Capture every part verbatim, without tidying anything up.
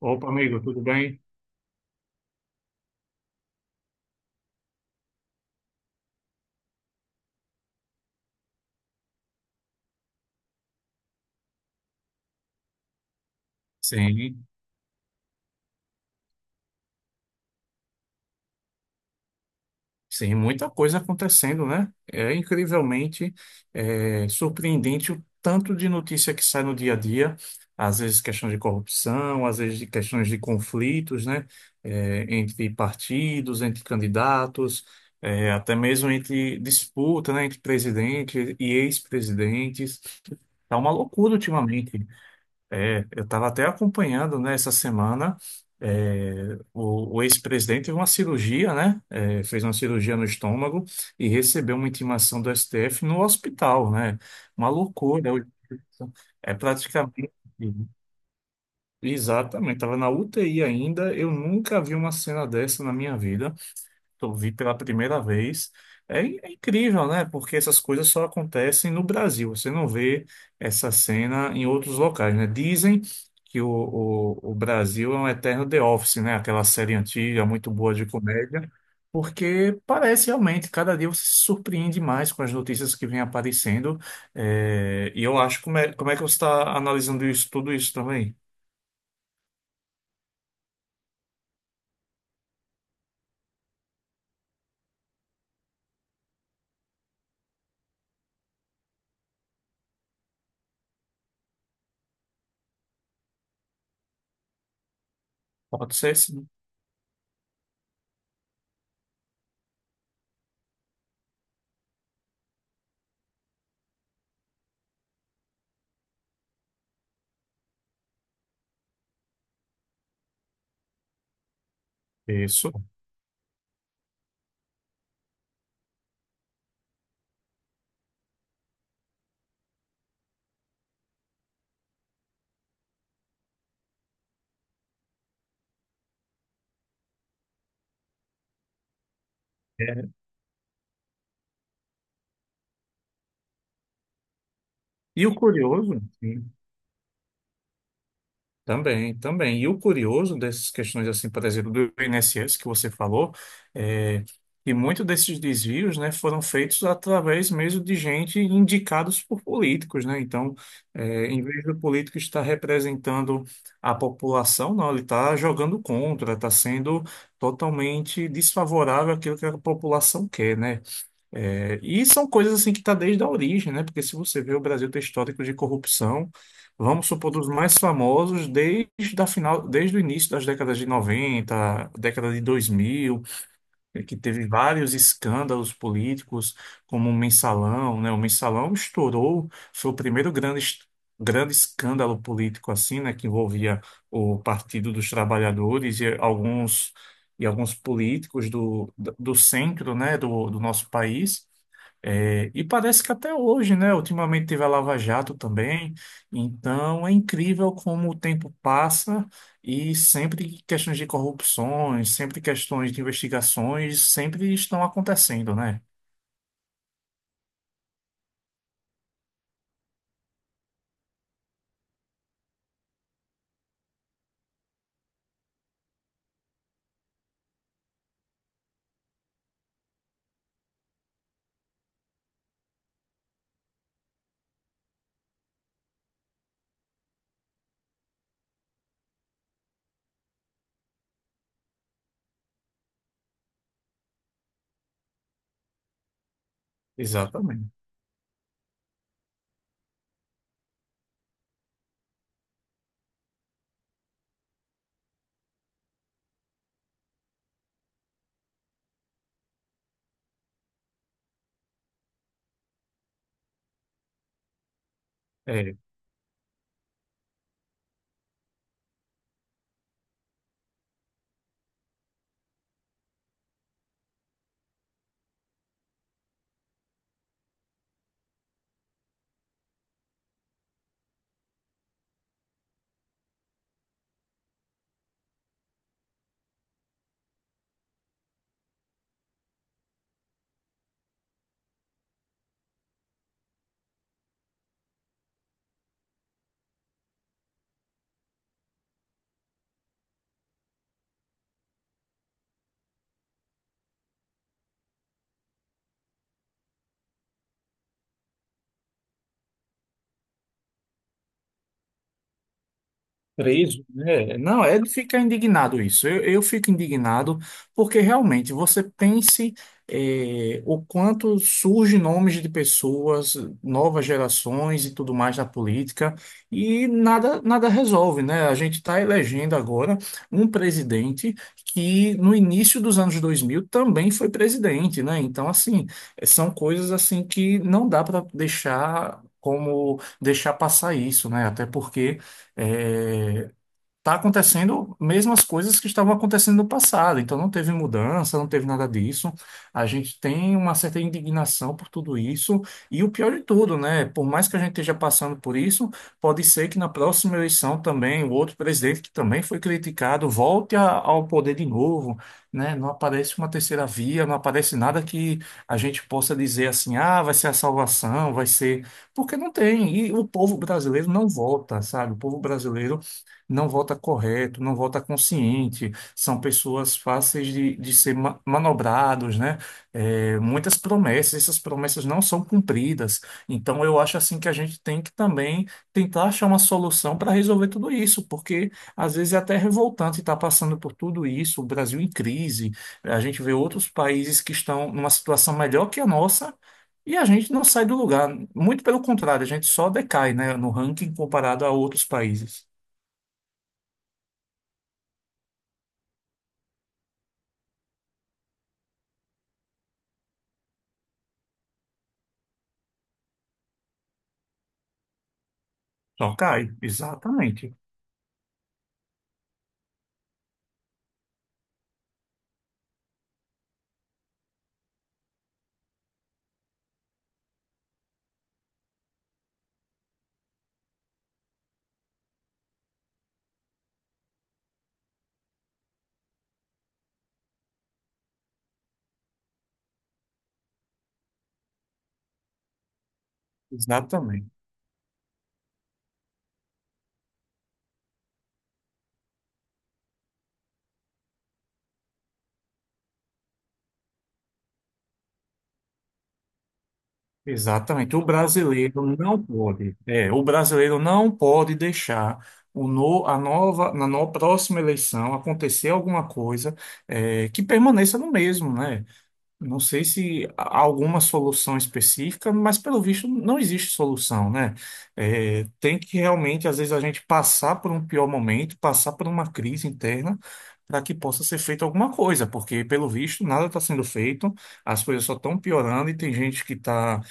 Opa, amigo, tudo bem? Sim, sim, muita coisa acontecendo, né? É incrivelmente é, surpreendente o tanto de notícia que sai no dia a dia, às vezes questões de corrupção, às vezes de questões de conflitos, né? É, entre partidos, entre candidatos, é, até mesmo entre disputa, né? Entre presidente e ex-presidentes. Tá uma loucura ultimamente. É, eu estava até acompanhando, né, essa semana, é, o, o ex-presidente teve uma cirurgia, né, é, fez uma cirurgia no estômago e recebeu uma intimação do S T F no hospital, né, uma loucura, é praticamente, exatamente, estava na U T I ainda, eu nunca vi uma cena dessa na minha vida, eu vi pela primeira vez. É, in- é incrível, né? Porque essas coisas só acontecem no Brasil. Você não vê essa cena em outros locais, né? Dizem que o, o, o Brasil é um eterno The Office, né? Aquela série antiga, muito boa de comédia, porque parece realmente, cada dia você se surpreende mais com as notícias que vêm aparecendo. É, e eu acho, como é, como é que você está analisando isso, tudo isso também? Pode ser sim. Isso. É. E o curioso, sim. Também, também. E o curioso dessas questões, assim, por exemplo, do I N S S que você falou, é que muitos desses desvios, né, foram feitos através mesmo de gente indicados por políticos, né? Então, é, em vez do político estar representando a população, não, ele está jogando contra, está sendo totalmente desfavorável àquilo que a população quer, né? É, e são coisas assim que está desde a origem, né? Porque se você vê o Brasil ter histórico de corrupção, vamos supor, dos mais famosos desde a final, desde o início das décadas de noventa, década de dois mil, eh, que teve vários escândalos políticos, como o Mensalão, né? O Mensalão estourou, foi o primeiro grande, es- grande escândalo político assim, né? Que envolvia o Partido dos Trabalhadores e alguns, e alguns políticos do, do centro, né? Do, do nosso país. É, e parece que até hoje, né? Ultimamente teve a Lava Jato também. Então é incrível como o tempo passa e sempre questões de corrupções, sempre questões de investigações, sempre estão acontecendo, né? Exatamente. Preso, né? Não, é de ficar indignado isso. Eu, eu fico indignado porque realmente você pense eh, o quanto surge nomes de pessoas, novas gerações e tudo mais na política e nada nada resolve, né? A gente está elegendo agora um presidente que no início dos anos dois mil também foi presidente, né? Então, assim, eh, são coisas assim que não dá para deixar como deixar passar isso, né? Até porque é, tá acontecendo mesmas coisas que estavam acontecendo no passado, então não teve mudança, não teve nada disso. A gente tem uma certa indignação por tudo isso, e o pior de tudo, né? Por mais que a gente esteja passando por isso, pode ser que na próxima eleição também o outro presidente que também foi criticado volte a- ao poder de novo, né? Não aparece uma terceira via, não aparece nada que a gente possa dizer assim, ah, vai ser a salvação, vai ser. Porque não tem, e o povo brasileiro não volta, sabe? O povo brasileiro não vota correto, não vota consciente, são pessoas fáceis de, de ser ma- manobrados, né? É, muitas promessas, essas promessas não são cumpridas. Então, eu acho assim que a gente tem que também tentar achar uma solução para resolver tudo isso, porque às vezes é até revoltante estar passando por tudo isso, o Brasil em crise, a gente vê outros países que estão numa situação melhor que a nossa. E a gente não sai do lugar, muito pelo contrário, a gente só decai, né, no ranking comparado a outros países. Só cai, exatamente, exatamente, exatamente. O brasileiro não pode, é, o brasileiro não pode deixar o no, a nova, na no- próxima eleição acontecer alguma coisa é, que permaneça no mesmo, né? Não sei se há alguma solução específica, mas pelo visto não existe solução, né? É, tem que realmente, às vezes, a gente passar por um pior momento, passar por uma crise interna, para que possa ser feita alguma coisa, porque pelo visto nada está sendo feito, as coisas só estão piorando e tem gente que está,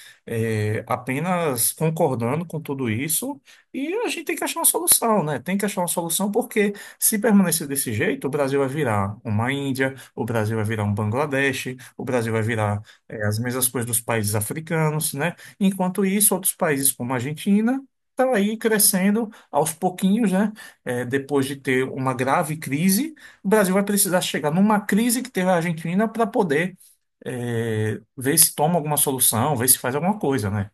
apenas concordando com tudo isso e a gente tem que achar uma solução, né? Tem que achar uma solução, porque se permanecer desse jeito, o Brasil vai virar uma Índia. O Brasil vai virar um Bangladesh, o Brasil vai virar eh, as mesmas coisas dos países africanos, né? Enquanto isso, outros países como a Argentina estão aí crescendo aos pouquinhos, né? Eh, depois de ter uma grave crise, o Brasil vai precisar chegar numa crise que teve a Argentina para poder eh, ver se toma alguma solução, ver se faz alguma coisa, né?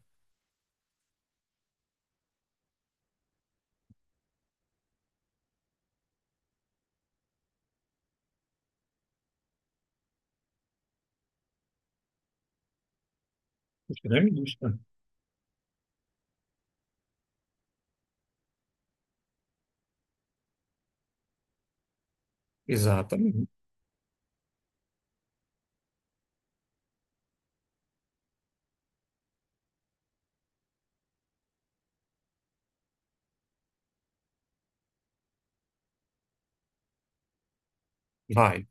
Extremista. Exatamente. Vai.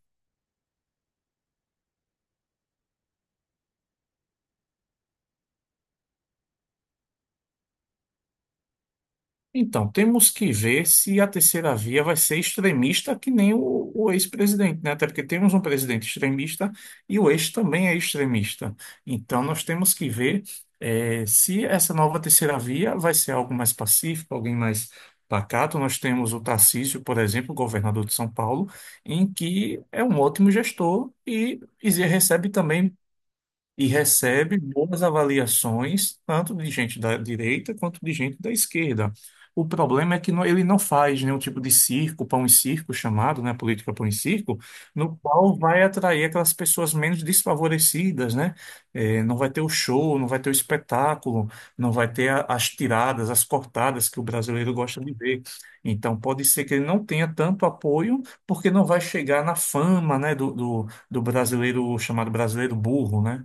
Então, temos que ver se a terceira via vai ser extremista que nem o, o ex-presidente, né? Até porque temos um presidente extremista e o ex também é extremista. Então, nós temos que ver eh, se essa nova terceira via vai ser algo mais pacífico, alguém mais pacato. Nós temos o Tarcísio, por exemplo, governador de São Paulo, em que é um ótimo gestor e, e recebe também e recebe boas avaliações, tanto de gente da direita quanto de gente da esquerda. O problema é que não- ele não faz nenhum tipo de circo, pão e circo chamado, né, política pão e circo, no qual vai atrair aquelas pessoas menos desfavorecidas, né? Eh, não vai ter o show, não vai ter o espetáculo, não vai ter a- as tiradas, as cortadas que o brasileiro gosta de ver. Então pode ser que ele não tenha tanto apoio, porque não vai chegar na fama, né, do, do do brasileiro chamado brasileiro burro, né?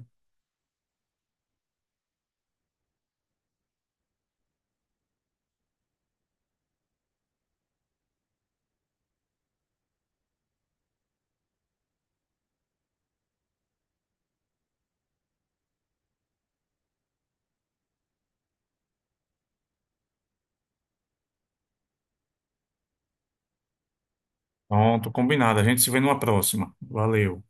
Pronto, combinado. A gente se vê numa próxima. Valeu.